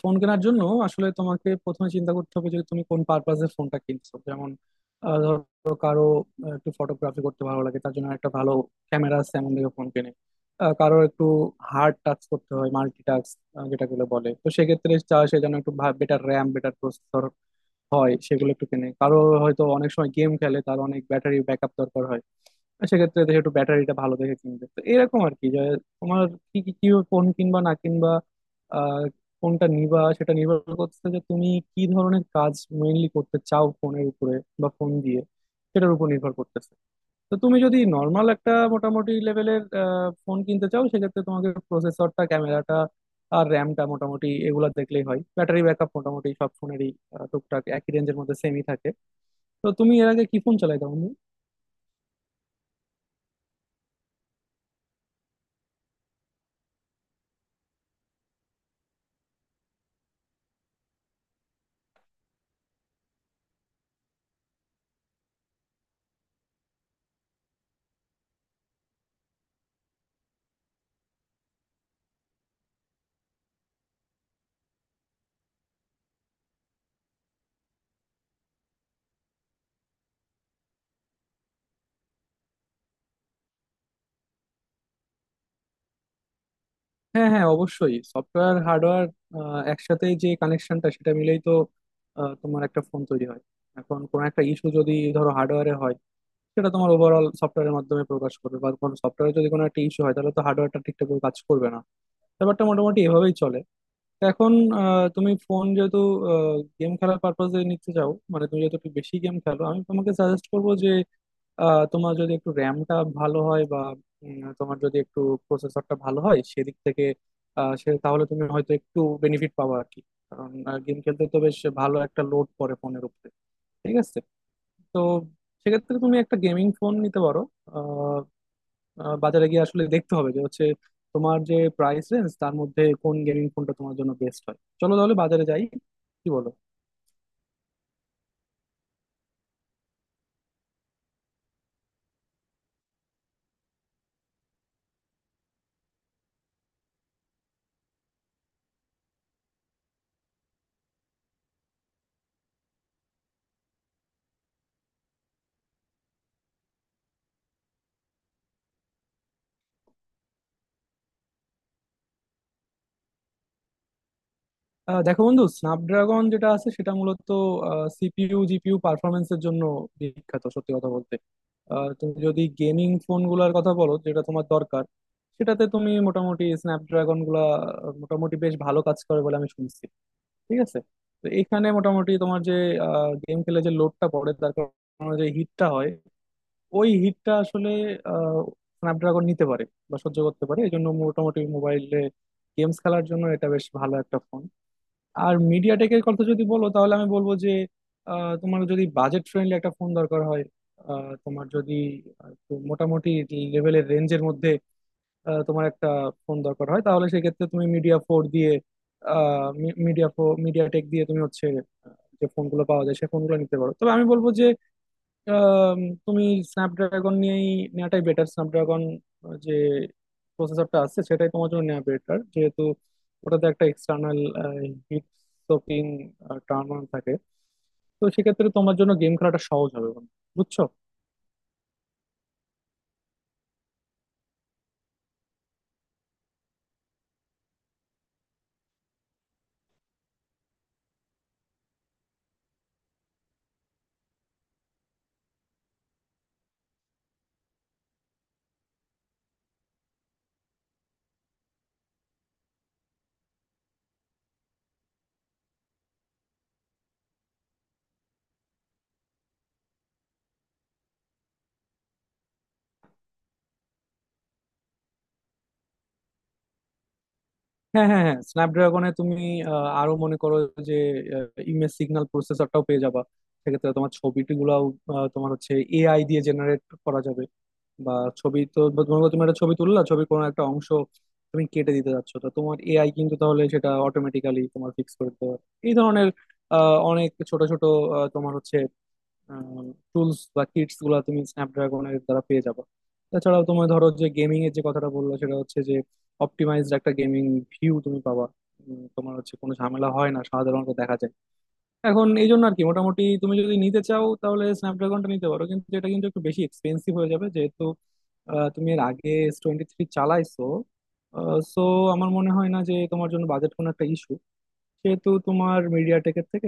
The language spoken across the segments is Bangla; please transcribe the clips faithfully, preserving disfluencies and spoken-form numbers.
ফোন কেনার জন্য আসলে তোমাকে প্রথমে চিন্তা করতে হবে যে তুমি কোন পারপাসে ফোনটা কিনছো। যেমন আহ, ধরো কারো আহ, একটু ফটোগ্রাফি করতে ভালো লাগে, তার জন্য একটা ভালো ক্যামেরা আছে এমন দেখে ফোন কেনে। আহ, কারো একটু হার্ড টাচ করতে হয়, মাল্টি টাস্ক যেটাগুলো বলে তো সেক্ষেত্রে চায় সে যেন একটু বেটার র্যাম বেটার প্রসেসর হয়, সেগুলো একটু কিনে। কারো হয়তো অনেক সময় গেম খেলে, তার অনেক ব্যাটারি ব্যাকআপ দরকার হয়, আর সেক্ষেত্রে দেখে একটু ব্যাটারিটা ভালো দেখে কিনবে। তো এরকম আর কি যে তোমার কি কি কি ফোন কিনবা না কিনবা আহ কোনটা নিবা সেটা নির্ভর করছে যে তুমি কি ধরনের কাজ মেইনলি করতে চাও ফোনের উপরে বা ফোন দিয়ে, সেটার উপর নির্ভর করতেছে। তো তুমি যদি নর্মাল একটা মোটামুটি লেভেলের ফোন কিনতে চাও সেক্ষেত্রে তোমাকে প্রসেসরটা, ক্যামেরাটা আর র্যামটা মোটামুটি এগুলা দেখলেই হয়। ব্যাটারি ব্যাকআপ মোটামুটি সব ফোনেরই আহ, টুকটাক একই রেঞ্জের মধ্যে সেমই থাকে। তো তুমি এর আগে কি ফোন চালাইতা বন্ধু? হ্যাঁ হ্যাঁ অবশ্যই সফটওয়্যার হার্ডওয়্যার একসাথে যে কানেকশনটা সেটা মিলেই তো আহ, তোমার একটা ফোন তৈরি হয়। এখন কোনো একটা ইস্যু যদি ধরো হার্ডওয়্যারে হয় সেটা তোমার ওভারঅল সফটওয়্যারের মাধ্যমে প্রকাশ করবে, বা কোনো সফটওয়্যারে যদি কোনো একটা ইস্যু হয় তাহলে তো হার্ডওয়্যারটা ঠিকঠাক করে কাজ করবে না। ব্যাপারটা মোটামুটি এভাবেই চলে। তো এখন আহ, তুমি ফোন যেহেতু গেম খেলার পারপাসে নিতে চাও, মানে তুমি যেহেতু একটু বেশি গেম খেলো, আমি তোমাকে সাজেস্ট করবো যে আহ, তোমার যদি একটু র্যামটা ভালো হয় বা উম, তোমার যদি একটু প্রসেসরটা ভালো হয় সেদিক থেকে আহ, সে তাহলে তুমি হয়তো একটু বেনিফিট পাবো আর কি। কারণ গেম খেলতে তো বেশ ভালো একটা লোড পড়ে ফোনের উপরে। ঠিক আছে। তো সেক্ষেত্রে তুমি একটা গেমিং ফোন নিতে পারো। আহ, বাজারে গিয়ে আসলে দেখতে হবে যে হচ্ছে তোমার যে প্রাইস রেঞ্জ তার মধ্যে কোন গেমিং ফোনটা তোমার জন্য বেস্ট হয়। চলো তাহলে বাজারে যাই, কি বলো? আহ, দেখো বন্ধু, স্ন্যাপড্রাগন যেটা আছে সেটা মূলত সিপিইউ জিপিইউ পারফরমেন্সের জন্য বিখ্যাত, সত্যি কথা বলতে। আহ, তুমি যদি গেমিং ফোন গুলার কথা বলো যেটা তোমার দরকার, সেটাতে তুমি মোটামুটি স্ন্যাপড্রাগন গুলা আহ, মোটামুটি বেশ ভালো কাজ করে বলে আমি শুনছি। ঠিক আছে। তো এখানে মোটামুটি তোমার যে গেম খেলে যে লোডটা পড়ে তার কারণে যে হিটটা হয়, ওই হিটটা আসলে আহ, স্ন্যাপড্রাগন নিতে পারে বা সহ্য করতে পারে। এই জন্য মোটামুটি মোবাইলে গেমস খেলার জন্য এটা বেশ ভালো একটা ফোন। আর মিডিয়া টেকের কথা যদি বলো তাহলে আমি বলবো যে আহ, তোমার যদি বাজেট ফ্রেন্ডলি একটা ফোন দরকার হয় আহ, তোমার যদি আহ, একটু মোটামুটি লেভেলের রেঞ্জের মধ্যে আহ, তোমার একটা ফোন দরকার হয়, তাহলে সেক্ষেত্রে তুমি মিডিয়া ফোর দিয়ে মিডিয়া ফোর মিডিয়া টেক দিয়ে তুমি হচ্ছে আহ, যে ফোনগুলো পাওয়া যায় সে ফোনগুলো নিতে পারো। তবে আমি বলবো যে আম, তুমি স্ন্যাপড্রাগন নিয়েই নেওয়াটাই বেটার। স্ন্যাপড্রাগন যে প্রসেসরটা আছে সেটাই তোমার জন্য নেওয়া বেটার যেহেতু ওটাতে একটা external heat soaking turn on থাকে। তো সেক্ষেত্রে তোমার জন্য গেম খেলাটা সহজ হবে বন্ধু। বুঝছো? হ্যাঁ হ্যাঁ হ্যাঁ স্ন্যাপড্রাগনে তুমি আহ, আরো মনে করো যে ইমেজ সিগন্যাল প্রসেসরটাও পেয়ে যাবা। সেক্ষেত্রে তোমার ছবিটি গুলাও আহ, তোমার হচ্ছে এআই দিয়ে জেনারেট করা যাবে। বা ছবি তো মনে করো তুমি একটা ছবি তুললা, ছবির কোনো একটা অংশ তুমি কেটে দিতে যাচ্ছ, তো তোমার এআই কিন্তু তাহলে সেটা অটোমেটিক্যালি তোমার ফিক্স করে দিতে পারে। এই ধরনের আহ, অনেক ছোট ছোট আহ, তোমার হচ্ছে টুলস বা কিটস গুলা তুমি স্ন্যাপড্রাগনের দ্বারা পেয়ে যাবে। তাছাড়াও তোমার ধরো যে গেমিং এর যে কথাটা বললো সেটা হচ্ছে যে অপটিমাইজড একটা গেমিং ভিউ তুমি পাবা। উম, তোমার হচ্ছে কোনো ঝামেলা হয় না সাধারণত দেখা যায়। এখন এই জন্য আর কি মোটামুটি তুমি যদি নিতে চাও তাহলে স্ন্যাপড্রাগনটা নিতে পারো, কিন্তু এটা কিন্তু একটু বেশি এক্সপেন্সিভ হয়ে যাবে যেহেতু আহ, তুমি এর আগে এস টোয়েন্টি থ্রি চালাইছো। সো আমার মনে হয় না যে তোমার জন্য বাজেট কোনো একটা ইস্যু, সেহেতু তোমার মিডিয়াটেকের থেকে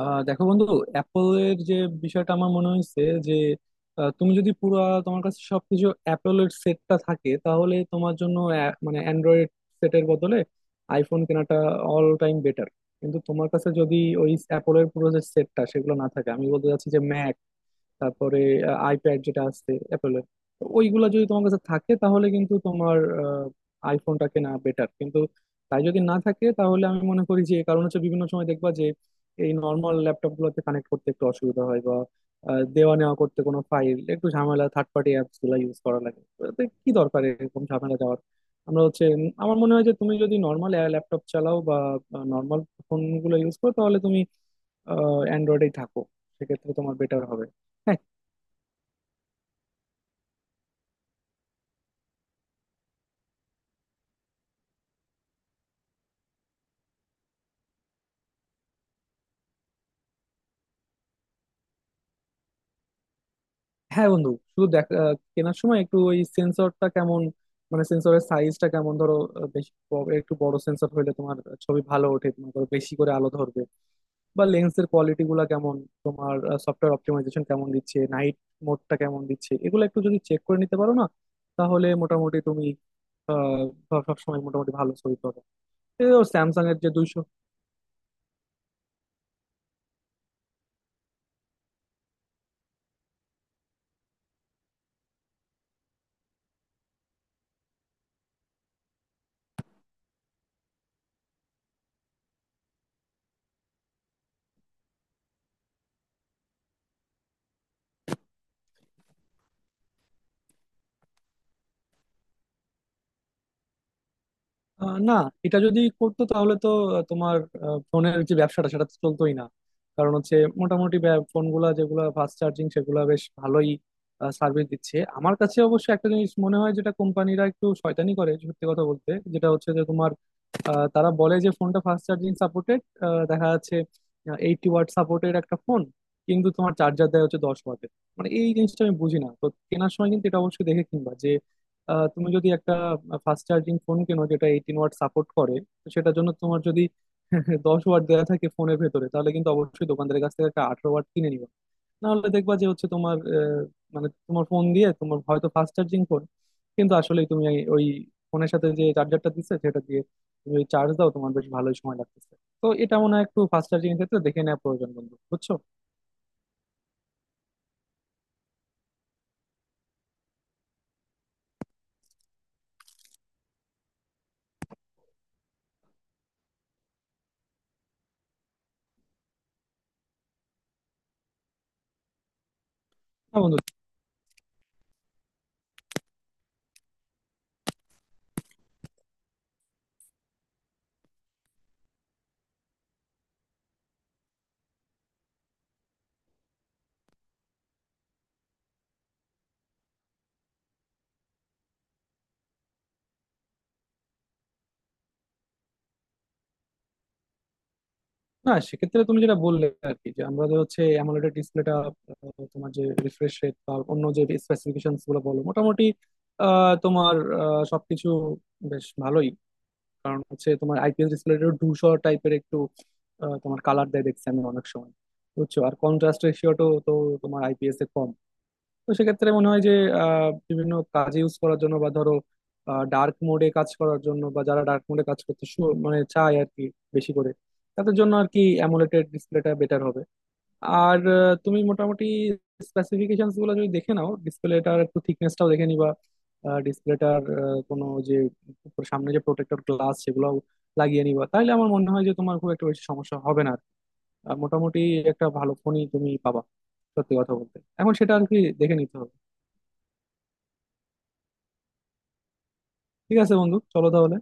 আহ দেখো বন্ধু, অ্যাপলের যে বিষয়টা আমার মনে হয়েছে যে আহ, তুমি যদি পুরো তোমার কাছে সবকিছু অ্যাপলের সেটটা থাকে তাহলে তোমার জন্য অ্যা- মানে অ্যান্ড্রয়েড সেটের বদলে আইফোন কেনাটা অল টাইম বেটার। কিন্তু তোমার কাছে যদি ওই অ্যাপলের পুরো যে সেটটা সেগুলো না থাকে, আমি বলতে চাচ্ছি যে ম্যাক, তারপরে আইপ্যাড যেটা আছে অ্যাপেলের ওইগুলা যদি তোমার কাছে থাকে তাহলে কিন্তু তোমার আইফোনটা কেনা বেটার। কিন্তু তাই যদি না থাকে তাহলে আমি মনে করি যে কারণ হচ্ছে বিভিন্ন সময় দেখবা যে এই নর্মাল ল্যাপটপ গুলোতে কানেক্ট করতে একটু অসুবিধা হয় বা আহ, দেওয়া নেওয়া করতে কোনো ফাইল একটু ঝামেলা, থার্ড পার্টি অ্যাপস গুলা ইউজ করা লাগে। তো এতে কি দরকার এরকম ঝামেলা যাওয়ার। আমরা হচ্ছে আমার মনে হয় যে তুমি যদি নর্মাল ল্যাপটপ চালাও বা নর্মাল ফোন গুলো ইউজ করো তাহলে তুমি অ্যান্ড্রয়েডেই থাকো, সেক্ষেত্রে তোমার বেটার হবে। হ্যাঁ হ্যাঁ বন্ধু। শুধু দেখা আহ, কেনার সময় একটু ওই সেন্সরটা কেমন, মানে সেন্সরের সাইজটা কেমন। ধরো আহ, বেশি ব- একটু বড় সেন্সর হইলে তোমার ছবি ভালো ওঠে, তোমার ধরো বেশি করে আলো ধরবে। বা লেন্সের কোয়ালিটি গুলা কেমন, তোমার সফটওয়্যার অপটিমাইজেশন কেমন দিচ্ছে, নাইট মোডটা কেমন দিচ্ছে, এগুলো একটু যদি চেক করে নিতে পারো না তাহলে মোটামুটি তুমি আহ, সব সবসময় মোটামুটি ভালো ছবি পাবে। স্যামসাং এর যে দুইশো আহ, না, এটা যদি করতো তাহলে তো আহ, তোমার আহ, ফোনের যে ব্যবসাটা সেটা তো চলতোই না। কারণ হচ্ছে মোটামুটি ফোনগুলা যেগুলো ফাস্ট চার্জিং সেগুলো বেশ ভালোই সার্ভিস দিচ্ছে। আমার কাছে অবশ্য একটা জিনিস মনে হয় যেটা কোম্পানিরা একটু শয়তানি করে সত্যি কথা বলতে, যেটা হচ্ছে যে তোমার আহ, তারা বলে যে ফোনটা ফাস্ট চার্জিং সাপোর্টেড, দেখা যাচ্ছে এইটি ওয়াট সাপোর্টেড একটা ফোন, কিন্তু তোমার চার্জার দেয় হচ্ছে দশ ওয়াটের। মানে এই জিনিসটা আমি বুঝি না। তো কেনার সময় কিন্তু এটা অবশ্যই দেখে কিনবা। আহ, তুমি যদি একটা ফাস্ট চার্জিং ফোন কেনো যেটা এইটিন ওয়াট সাপোর্ট করে, তো সেটার জন্য তোমার যদি দশ ওয়াট দেওয়া থাকে ফোনের ভেতরে, তাহলে কিন্তু অবশ্যই দোকানদারের কাছ থেকে একটা আঠারো ওয়াট কিনে নিবা। নাহলে দেখবা যে হচ্ছে তোমার আহ, মানে তোমার ফোন দিয়ে তোমার হয়তো ফাস্ট চার্জিং ফোন কিন্তু আসলে তুমি এই- ওই ফোনের সাথে যে চার্জারটা দিচ্ছে সেটা দিয়ে তুমি ওই চার্জ দাও, তোমার বেশ ভালোই সময় লাগতেছে। তো এটা মনে হয় একটু ফাস্ট চার্জিং এর ক্ষেত্রে দেখে নেওয়া প্রয়োজন বন্ধু, বুঝছো? না বন্ধু। না, সেক্ষেত্রে তুমি যেটা বললে আর কি, যে আমরা যে হচ্ছে অ্যামোলেড ডিসপ্লেটা, তোমার যে রিফ্রেশ রেট বা অন্য যে স্পেসিফিকেশন গুলো বলো মোটামুটি আহ, তোমার আহ, সবকিছু বেশ ভালোই। কারণ হচ্ছে তোমার আইপিএস ডিসপ্লেটা ধূসর টাইপের একটু আহ, তোমার কালার দেয় দেখছি আমি অনেক সময়, বুঝছো? আর কন্ট্রাস্ট রেশিওটাও তো তোমার আইপিএস এর কম। তো সেক্ষেত্রে মনে হয় যে আহ, বিভিন্ন কাজে ইউজ করার জন্য বা ধরো ডার্ক মোডে কাজ করার জন্য, বা যারা ডার্ক মোডে কাজ করতে শু- মানে চায় আর কি বেশি করে, তাদের জন্য আর কি অ্যামোলেড ডিসপ্লেটা বেটার হবে। আর আহ, তুমি মোটামুটি স্পেসিফিকেশনস গুলো যদি দেখে নাও, ডিসপ্লেটার একটু থিকনেসটাও দেখে নিবা। ডিসপ্লেটার কোনো যে উপর সামনে যে প্রোটেক্টর গ্লাস সেগুলো লাগিয়ে নিবা তাহলে আমার মনে হয় যে তোমার খুব একটা বেশি সমস্যা হবে না আর কি। আর মোটামুটি একটা ভালো ফোনই তুমি পাবা। সত্যি কথা বলতে এখন সেটা আর কি দেখে নিতে হবে। ঠিক আছে বন্ধু, চলো তাহলে।